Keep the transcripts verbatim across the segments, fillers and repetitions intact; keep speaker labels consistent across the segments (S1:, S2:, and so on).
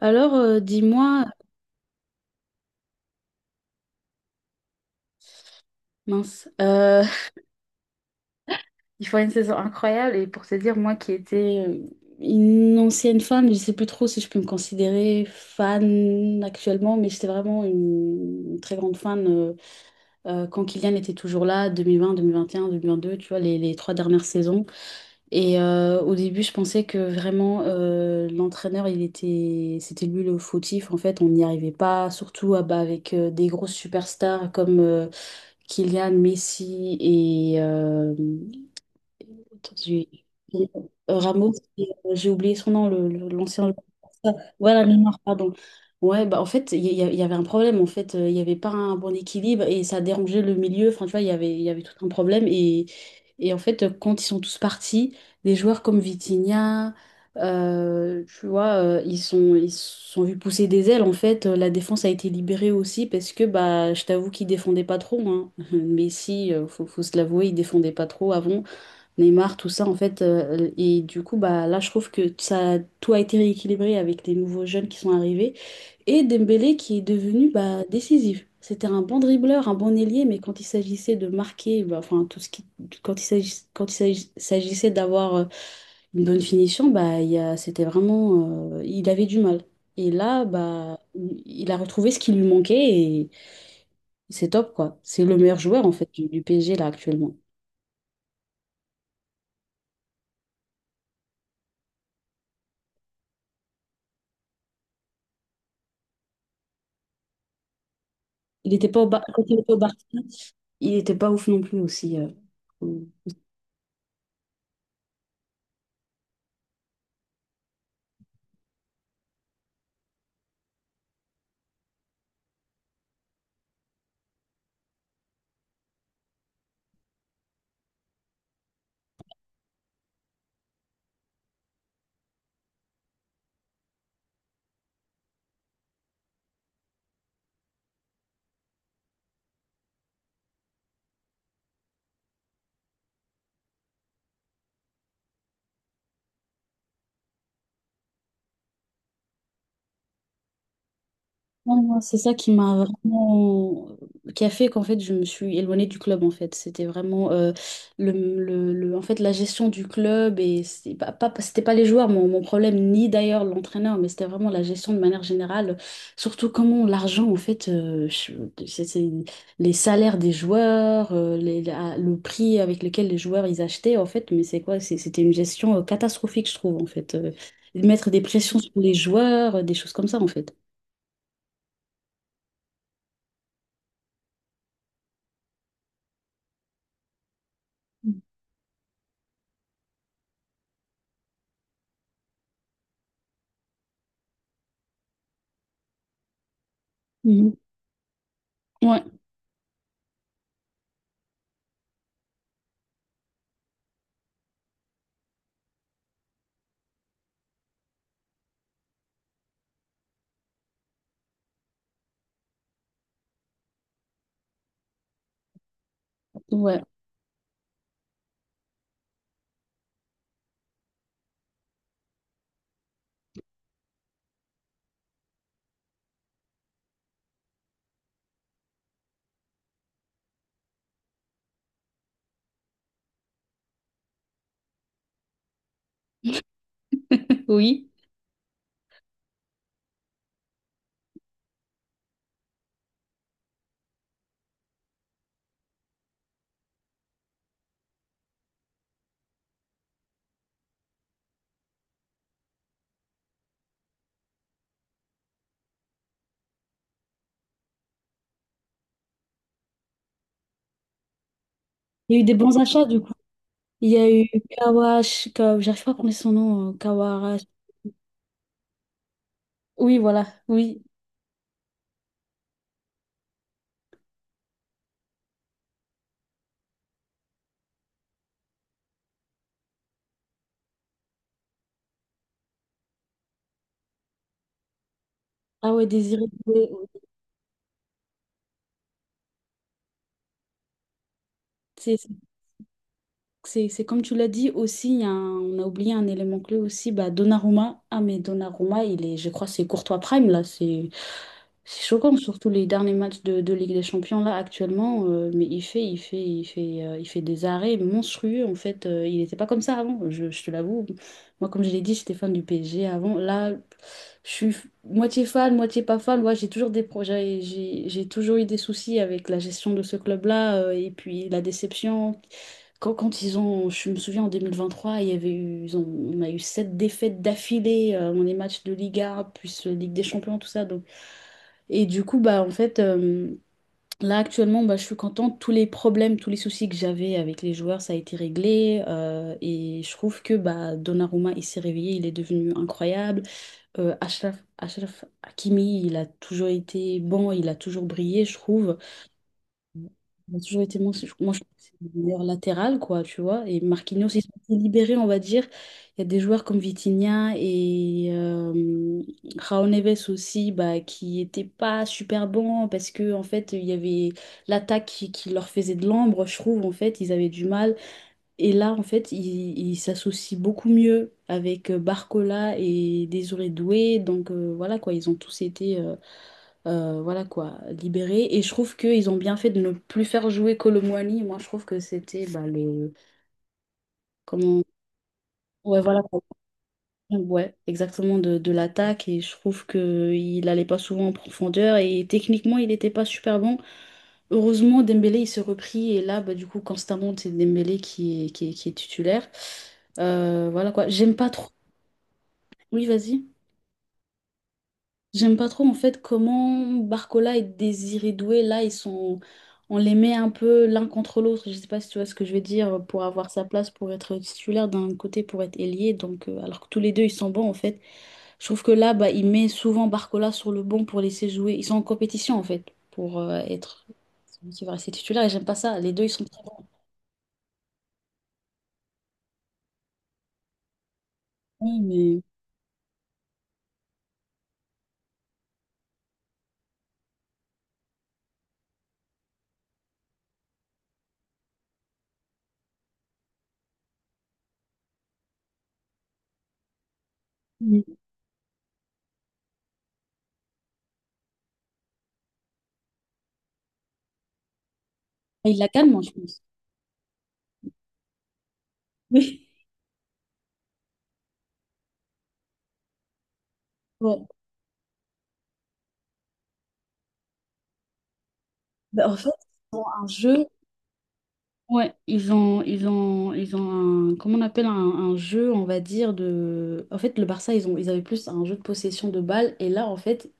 S1: Alors, euh, dis-moi, mince, euh, il faut une saison incroyable et pour te dire, moi qui étais euh, une ancienne fan, je sais plus trop si je peux me considérer fan actuellement, mais j'étais vraiment une très grande fan euh, euh, quand Kylian était toujours là, deux mille vingt, deux mille vingt et un, deux mille vingt-deux, tu vois, les, les trois dernières saisons. Et euh, au début, je pensais que vraiment euh, l'entraîneur, il était, c'était lui le fautif. En fait, on n'y arrivait pas, surtout ah bah, avec euh, des grosses superstars comme euh, Kylian Messi et euh, j'ai- j'ai- euh, Ramos, et, euh, j'ai oublié son nom, le, le- l'ancien joueur. Voilà, Neymar, pardon. Ouais, bah en fait, il y, il y a- il y avait un problème. En fait, euh, il n'y avait pas un bon équilibre et ça dérangeait le milieu. Enfin, tu vois, il y avait, il y avait tout un problème. Et, et en fait, euh, quand ils sont tous partis, des joueurs comme Vitinha, euh, tu vois, euh, ils sont, ils se sont vus pousser des ailes. En fait, Euh, la défense a été libérée aussi parce que, bah, je t'avoue qu'ils défendaient pas trop. Hein. Messi, euh, faut, faut se l'avouer, il défendait pas trop avant. Neymar, tout ça, en fait. Euh, et du coup, bah, là, je trouve que ça, tout a été rééquilibré avec les nouveaux jeunes qui sont arrivés. Et Dembélé qui est devenu bah, décisif. C'était un bon dribbleur, un bon ailier, mais quand il s'agissait de marquer, bah, enfin, tout ce qui, quand il s'agissait, quand il s'agis- s'agissait d'avoir euh, une bonne finition, bah, il y a- c'était vraiment, euh, il avait du mal. Et là, bah, il a retrouvé ce qui lui manquait et c'est top, quoi. C'est le meilleur joueur, en fait, du, du P S G, là, actuellement. Il n'était pas au Bar- Quand il était au Barça, il était pas ouf non plus aussi. euh, Non, non, c'est ça qui m'a vraiment... qui a fait qu'en fait, je me suis éloignée du club, en fait. C'était vraiment euh, le, le, le- en fait, la gestion du club, et c'était pas, pas, c'était pas les joueurs, mon, mon problème, ni d'ailleurs l'entraîneur, mais c'était vraiment la gestion de manière générale. Surtout comment l'argent, en fait, euh, je- c'est, c'est les salaires des joueurs, euh, les, la- le prix avec lequel les joueurs, ils achetaient, en fait, mais c'est quoi? C'est- C'était une gestion euh, catastrophique, je trouve, en fait. Euh, mettre des pressions sur les joueurs, euh, des choses comme ça, en fait. Mhm. Ouais, ouais, oui. Il y a eu des bons achats du coup. Il y a eu Kawash, Ka- j'arrive pas à prononcer son nom, euh, Kawarash. Oui, voilà, oui. Ah ouais, Désiré Doué. C'est, c'est comme tu l'as dit aussi, il y a un- on a oublié un élément clé aussi, bah, Donnarumma. Ah mais Donnarumma, il est, je crois, c'est Courtois Prime là, c'est c'est choquant, surtout les derniers matchs de, de Ligue des Champions là actuellement, euh, mais il fait, il fait, il fait, euh, il fait des arrêts monstrueux en fait. Euh, il n'était pas comme ça avant, je, je te l'avoue. Moi, comme je l'ai dit, j'étais fan du P S G avant. Là, je suis f- moitié fan, moitié pas fan. Moi, j'ai toujours des projets, j'ai j'ai toujours eu des soucis avec la gestion de ce club-là, euh, et puis la déception. Quand, quand ils ont, je me souviens en deux mille vingt-trois, il y avait eu, ils ont, on a eu sept défaites d'affilée, euh, dans les matchs de Liga, plus euh, Ligue des Champions, tout ça. Donc. Et du coup, bah, en fait, euh, là actuellement, bah, je suis contente. Tous les problèmes, tous les soucis que j'avais avec les joueurs, ça a été réglé. Euh, et je trouve que bah, Donnarumma, il s'est réveillé, il est devenu incroyable. Euh, Achraf, Achraf Hakimi, il a toujours été bon, il a toujours brillé, je trouve. Il a toujours été mon, c'est- moi je trouve que c'est le meilleur latéral, quoi, tu vois. Et Marquinhos, ils ont été libérés, on va dire. Il y a des joueurs comme Vitinha et euh, Raul Neves aussi, bah, qui n'étaient pas super bons parce que en fait, il y avait l'attaque qui, qui leur faisait de l'ombre, je trouve, en fait, ils avaient du mal. Et là, en fait, ils ils s'associent beaucoup mieux avec euh, Barcola et Désiré Doué. Donc euh, voilà, quoi, ils ont tous été. Euh, euh, voilà quoi, libéré. Et je trouve qu'ils ont bien fait de ne plus faire jouer Colomwani. Moi, je trouve que c'était bah, le. Comment. Ouais, voilà, quoi. Ouais, exactement, de, de l'attaque. Et je trouve qu'il allait pas souvent en profondeur. Et techniquement, il n'était pas super bon. Heureusement, Dembélé, il s'est repris. Et là, bah, du coup, constamment, c'est Dembélé qui est, qui est, qui est titulaire. Euh, voilà quoi. J'aime pas trop. Oui, vas-y. J'aime pas trop en fait comment Barcola et Désiré Doué, là, ils sont... on les met un peu l'un contre l'autre. Je sais pas si tu vois ce que je veux dire, pour avoir sa place, pour être titulaire d'un côté, pour être ailier. Donc, euh, alors que tous les deux, ils sont bons en fait. Je trouve que là, bah, il met souvent Barcola sur le banc pour laisser jouer. Ils sont en compétition en fait, pour euh, être celui qui va rester titulaire. Et j'aime pas ça. Les deux, ils sont très bons, mais. Mm. Il la calme, moi, je pense. Oui. Ouais. Bah, en fait, un jeu. Ouais, ils ont, ils ont, ils ont un, comment on appelle un, un, jeu, on va dire, de... En fait, le Barça, ils ont, ils avaient plus un jeu de possession de balle. Et là, en fait,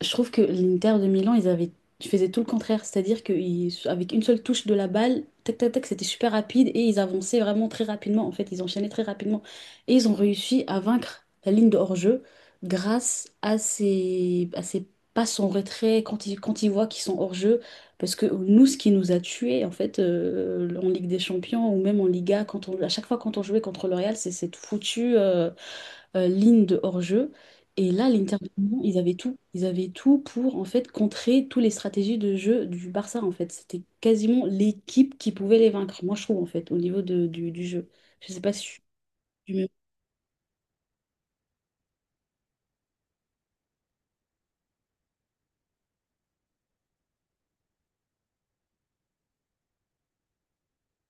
S1: je trouve que l'Inter de Milan, ils avaient, ils faisaient tout le contraire, c'est-à-dire qu'avec une seule touche de la balle, tac tac tac, c'était super rapide et ils avançaient vraiment très rapidement. En fait, ils enchaînaient très rapidement et ils ont réussi à vaincre la ligne de hors-jeu grâce à ces, à ces passes en retrait quand ils, quand ils voient qu'ils sont hors-jeu. Parce que nous, ce qui nous a tués, en fait, euh, en Ligue des Champions ou même en Liga, quand on, à chaque fois quand on jouait contre le Real, c'est cette foutue euh, ligne de hors-jeu. Et là, les intervenants, ils avaient tout. Ils avaient tout pour, en fait, contrer toutes les stratégies de jeu du Barça, en fait. C'était quasiment l'équipe qui pouvait les vaincre, moi, je trouve, en fait, au niveau de- du, du jeu. Je sais pas si tu me...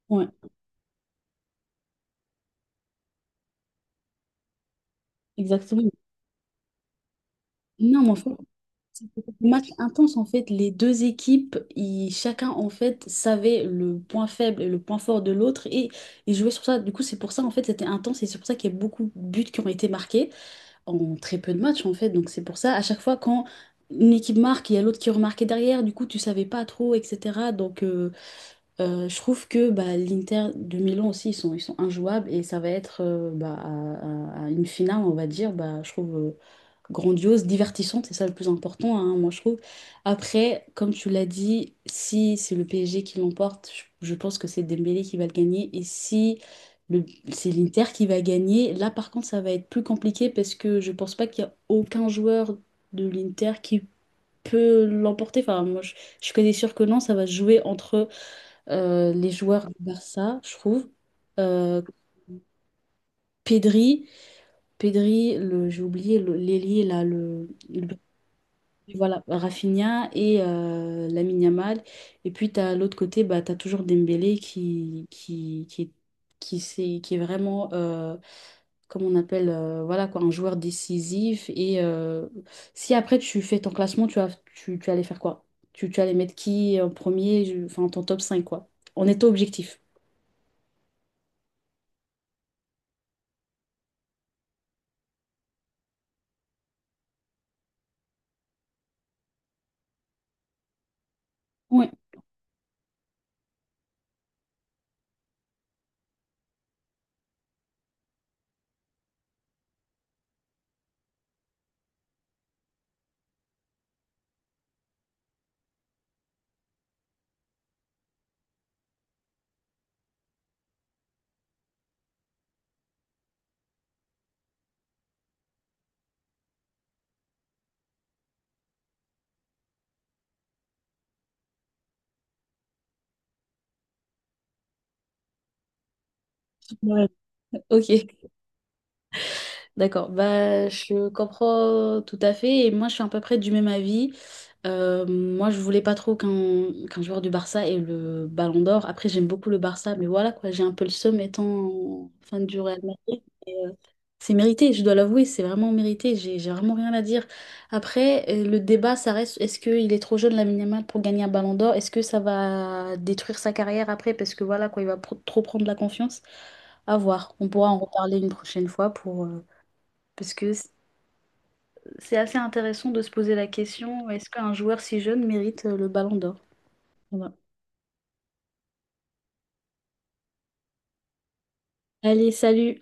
S1: Ouais, exactement. Non, mais en fait, c'était un match intense, en fait. Les deux équipes, ils- chacun, en fait, savait le point faible et le point fort de l'autre et ils jouaient sur ça. Du coup, c'est pour ça, en fait, c'était intense et c'est pour ça qu'il y a beaucoup de buts qui ont été marqués. En très peu de matchs en fait. Donc c'est pour ça, à chaque fois quand une équipe marque, il y a l'autre qui remarquait derrière, du coup tu savais pas trop, et cetera. Donc euh, euh, je trouve que bah, l'Inter de Milan aussi, ils sont, ils sont injouables et ça va être euh, bah, à, à- à une finale, on va dire, bah, je trouve euh, grandiose, divertissante, c'est ça le plus important, hein, moi je trouve. Après, comme tu l'as dit, si c'est le P S G qui l'emporte, je je pense que c'est Dembélé qui va le gagner. Et si le, c'est l'Inter qui va gagner, là par contre ça va être plus compliqué parce que je pense pas qu'il y a aucun joueur de l'Inter qui peut l'emporter. Enfin, moi je, je suis quasi sûre que non, ça va se jouer entre euh, les joueurs du Barça, je trouve. Euh, Pedri, Pedri, le, j'ai oublié le- l'ailier là, le, le voilà, Rafinha et euh, Lamine Yamal. Et puis, tu as l'autre côté, bah, tu as toujours Dembélé qui, qui, qui, est- qui, s'est- qui est vraiment, euh, comme on appelle, euh, voilà, quoi, un joueur décisif. Et euh, si après tu fais ton classement, tu vas, tu, tu allais faire quoi? Tu, tu allais mettre qui en premier, je- enfin ton top cinq quoi. On est objectif. Ouais. Ouais. Ok. D'accord, bah, je comprends tout à fait et moi je suis à peu près du même avis. Euh, moi je voulais pas trop qu'un qu'un joueur du Barça ait le Ballon d'Or. Après j'aime beaucoup le Barça, mais voilà quoi, j'ai un peu le seum étant fan du Real Madrid. Et, euh, c'est mérité, je dois l'avouer, c'est vraiment mérité, j'ai j'ai vraiment rien à dire. Après euh, le débat ça reste, est-ce qu'il est trop jeune Lamine Yamal pour gagner un Ballon d'Or? Est-ce que ça va détruire sa carrière après parce que voilà quoi, il va pro- trop prendre la confiance? À voir, on pourra en reparler une prochaine fois pour... euh, parce que c- c'est assez intéressant de se poser la question, est-ce qu'un joueur si jeune mérite euh, le ballon d'or? Voilà. Allez, salut!